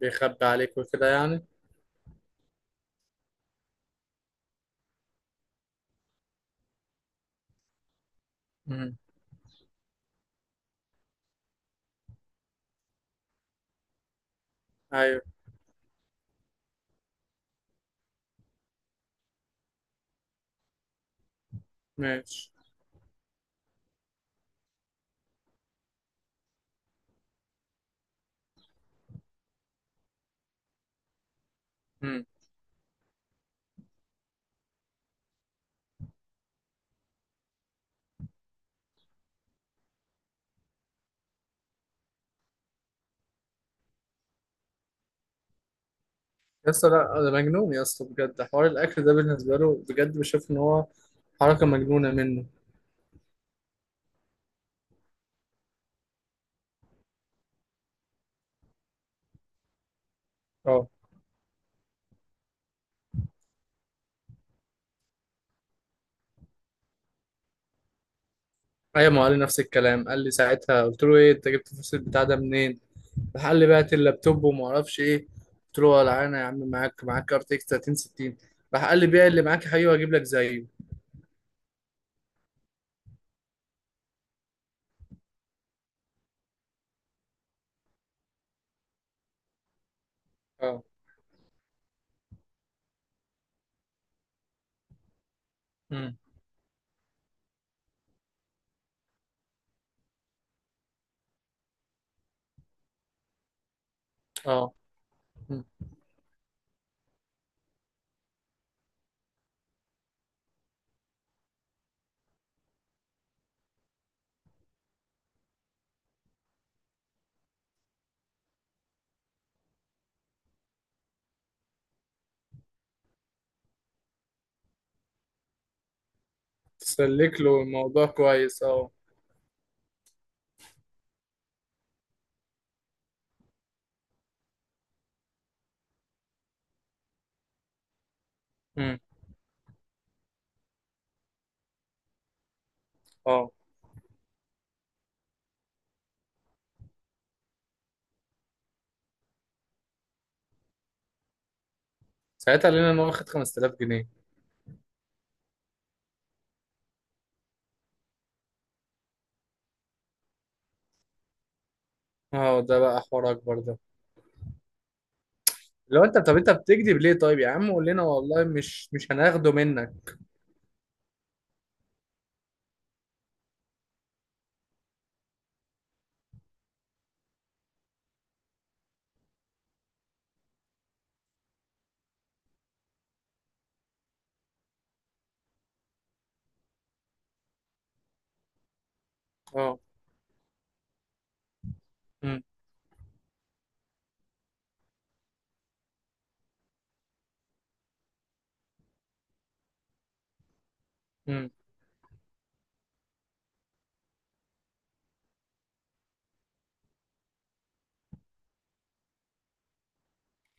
بيخبي عليك وكده يعني. امم. ايوه. ماشي. امم. يا اسطى، لا ده مجنون يا اسطى، بجد حوار الاكل ده بالنسبه له بجد بشوف ان هو حركه مجنونه منه. اه. ايوه، ما هو قال لي نفس الكلام، قال لي ساعتها قلت له ايه انت جبت الفلوس البتاع ده منين؟ راح قال لي بعت اللابتوب وما اعرفش ايه. قلت له ولا انا يا عم، معاك كارت اكس 3060. راح قال لي بيع اللي معاك يا حبيبي وهجيب لك زيه. اه. امم. اه. مم. تسلك له الموضوع كويس، اه. امم. اه. ساعتها قال لنا ان هو واخد 5000 جنيه. اه، ده بقى حوار اكبر ده. لو انت طب انت بتكذب ليه طيب يا عم، قول لنا والله مش هناخده منك. اه. امم. امم.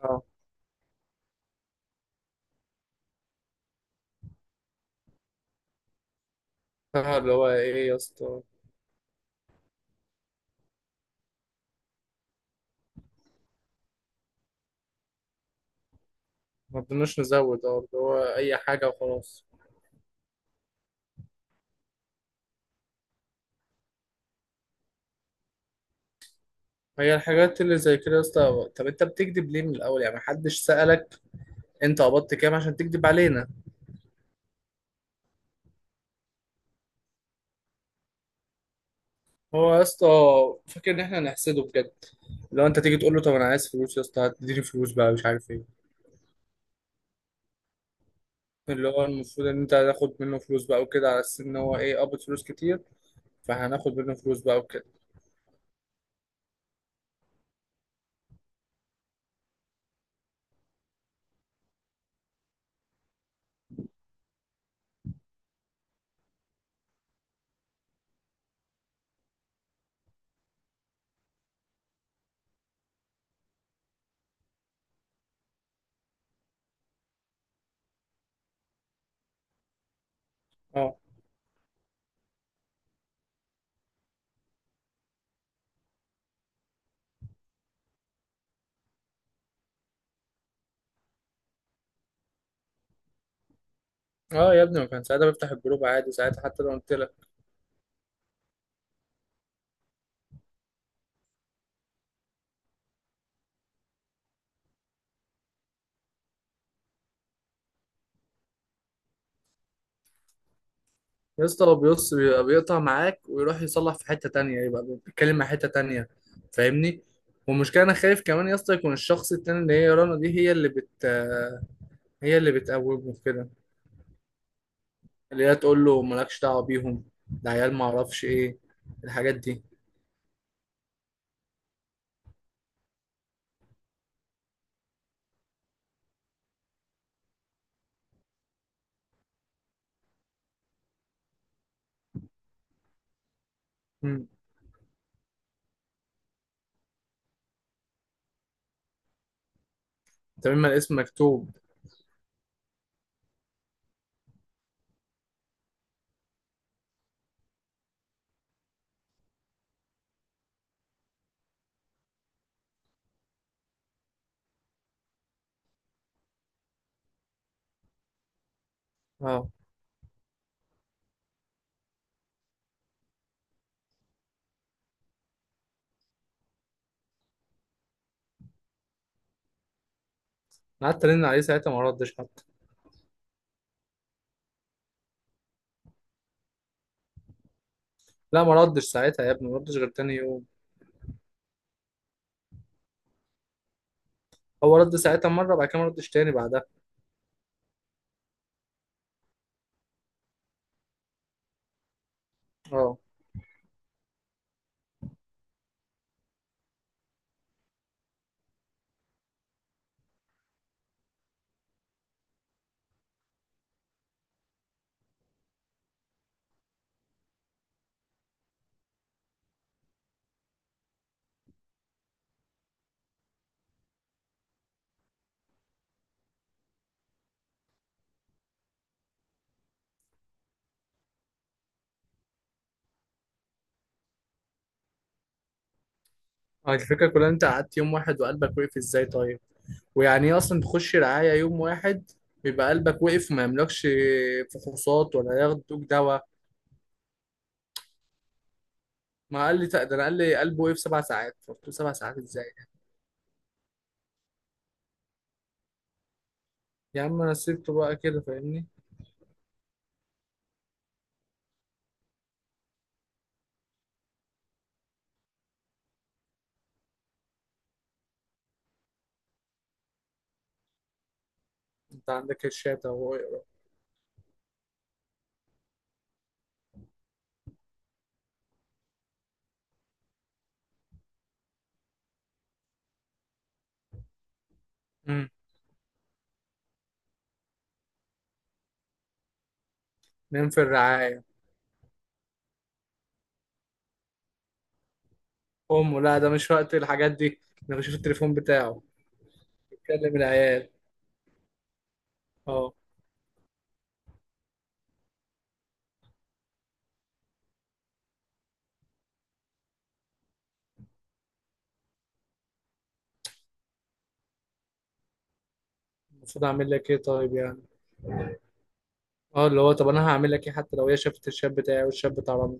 اه. اه، اللي هو ايه يا اسطى. ما بدناش نزود، اللي هو اي حاجه وخلاص. هي الحاجات اللي زي كده يا اسطى، طب انت بتكذب ليه من الاول يعني، محدش سألك. انت قبضت كام عشان تكذب علينا؟ هو يا اسطى فاكر ان احنا هنحسده بجد؟ لو انت تيجي تقول له طب انا عايز فلوس يا اسطى، هتديني فلوس بقى مش عارف ايه. اللي هو المفروض ان انت هتاخد منه فلوس بقى وكده، على اساس ان هو ايه قبض فلوس كتير، فهناخد منه فلوس بقى وكده. اه. اه يا ابني، ما كان ساعتها بفتح الجروب عادي ساعتها حتى لو قلت لك. يا اسطى لو بيص بيبقى بيقطع معاك ويروح يصلح في حتة تانية، يبقى بيتكلم مع حتة تانية. فاهمني. والمشكلة انا خايف كمان يا اسطى يكون الشخص التاني، اللي هي رنا دي، هي اللي بتقومه في كده. اللي هي تقول له مالكش دعوة بيهم، ده عيال ما اعرفش ايه الحاجات دي. امم. طب اما الاسم مكتوب. اه. أنا قعدت ارن عليه ساعتها، ما ردش حتى. لا، ما ردش ساعتها يا ابني، ما ردش غير تاني يوم. هو رد ساعتها مرة بعد كده، ما ردش تاني بعدها. اه. الفكرة كلها إن انت قعدت يوم واحد وقلبك وقف ازاي طيب؟ ويعني ايه اصلا تخش رعاية يوم واحد بيبقى قلبك وقف وما يملكش فحوصات ولا ياخدوك دواء؟ ما قال لي ده انا قال لي قلبه وقف 7 ساعات، قلت له 7 ساعات ازاي؟ يا عم انا سيبته بقى كده، فاهمني. انت عندك الشات اهو اقرا. أمم. نام في الرعاية. امه، لا ده مش وقت الحاجات دي. انا بشوف التليفون بتاعه بيتكلم العيال. اه. المفروض اعمل لك ايه طيب يعني. اه، اللي هو طب انا هعمل لك ايه حتى لو هي شافت الشاب بتاعي والشاب بتاع رامي.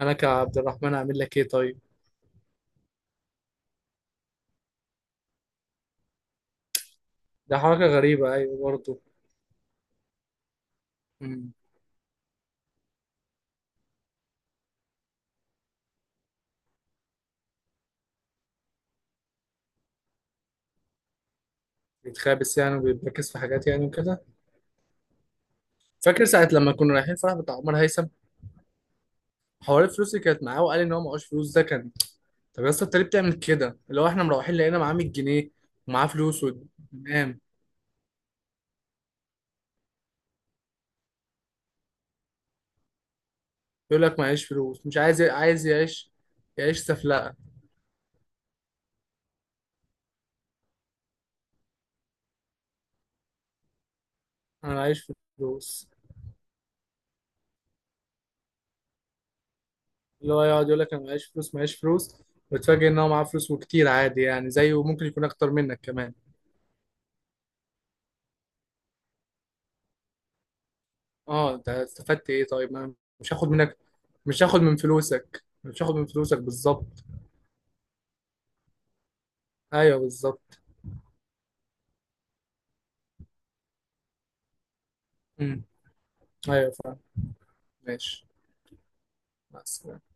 انا كعبد الرحمن هعمل لك ايه طيب؟ ده حركه غريبه ايوه برضه. امم. بيتخابس يعني وبيركز في حاجات يعني وكده. فاكر ساعه لما كنا رايحين فرح بتاع عمر هيثم، حوار الفلوس اللي كانت معاه وقال ان هو معهوش فلوس ده كان. طب يا اسطى انت ليه بتعمل كده، اللي هو احنا مروحين لقينا معاه 100 جنيه ومعاه فلوس وتمام. يقول لك معيش فلوس، مش عايز عايز يعيش، يعيش سفلقه. انا معيش فلوس. اللي هو يقعد يقول لك انا معيش فلوس معيش فلوس، وتفاجئ ان هو معاه فلوس وكتير عادي يعني زيه وممكن يكون اكتر منك كمان. اه، انت استفدت ايه طيب ما أنا مش هاخد منك، مش هاخد من فلوسك، مش هاخد من فلوسك بالظبط. ايوه بالظبط. امم. ايوه، فاهم. ماشي. مع السلامة.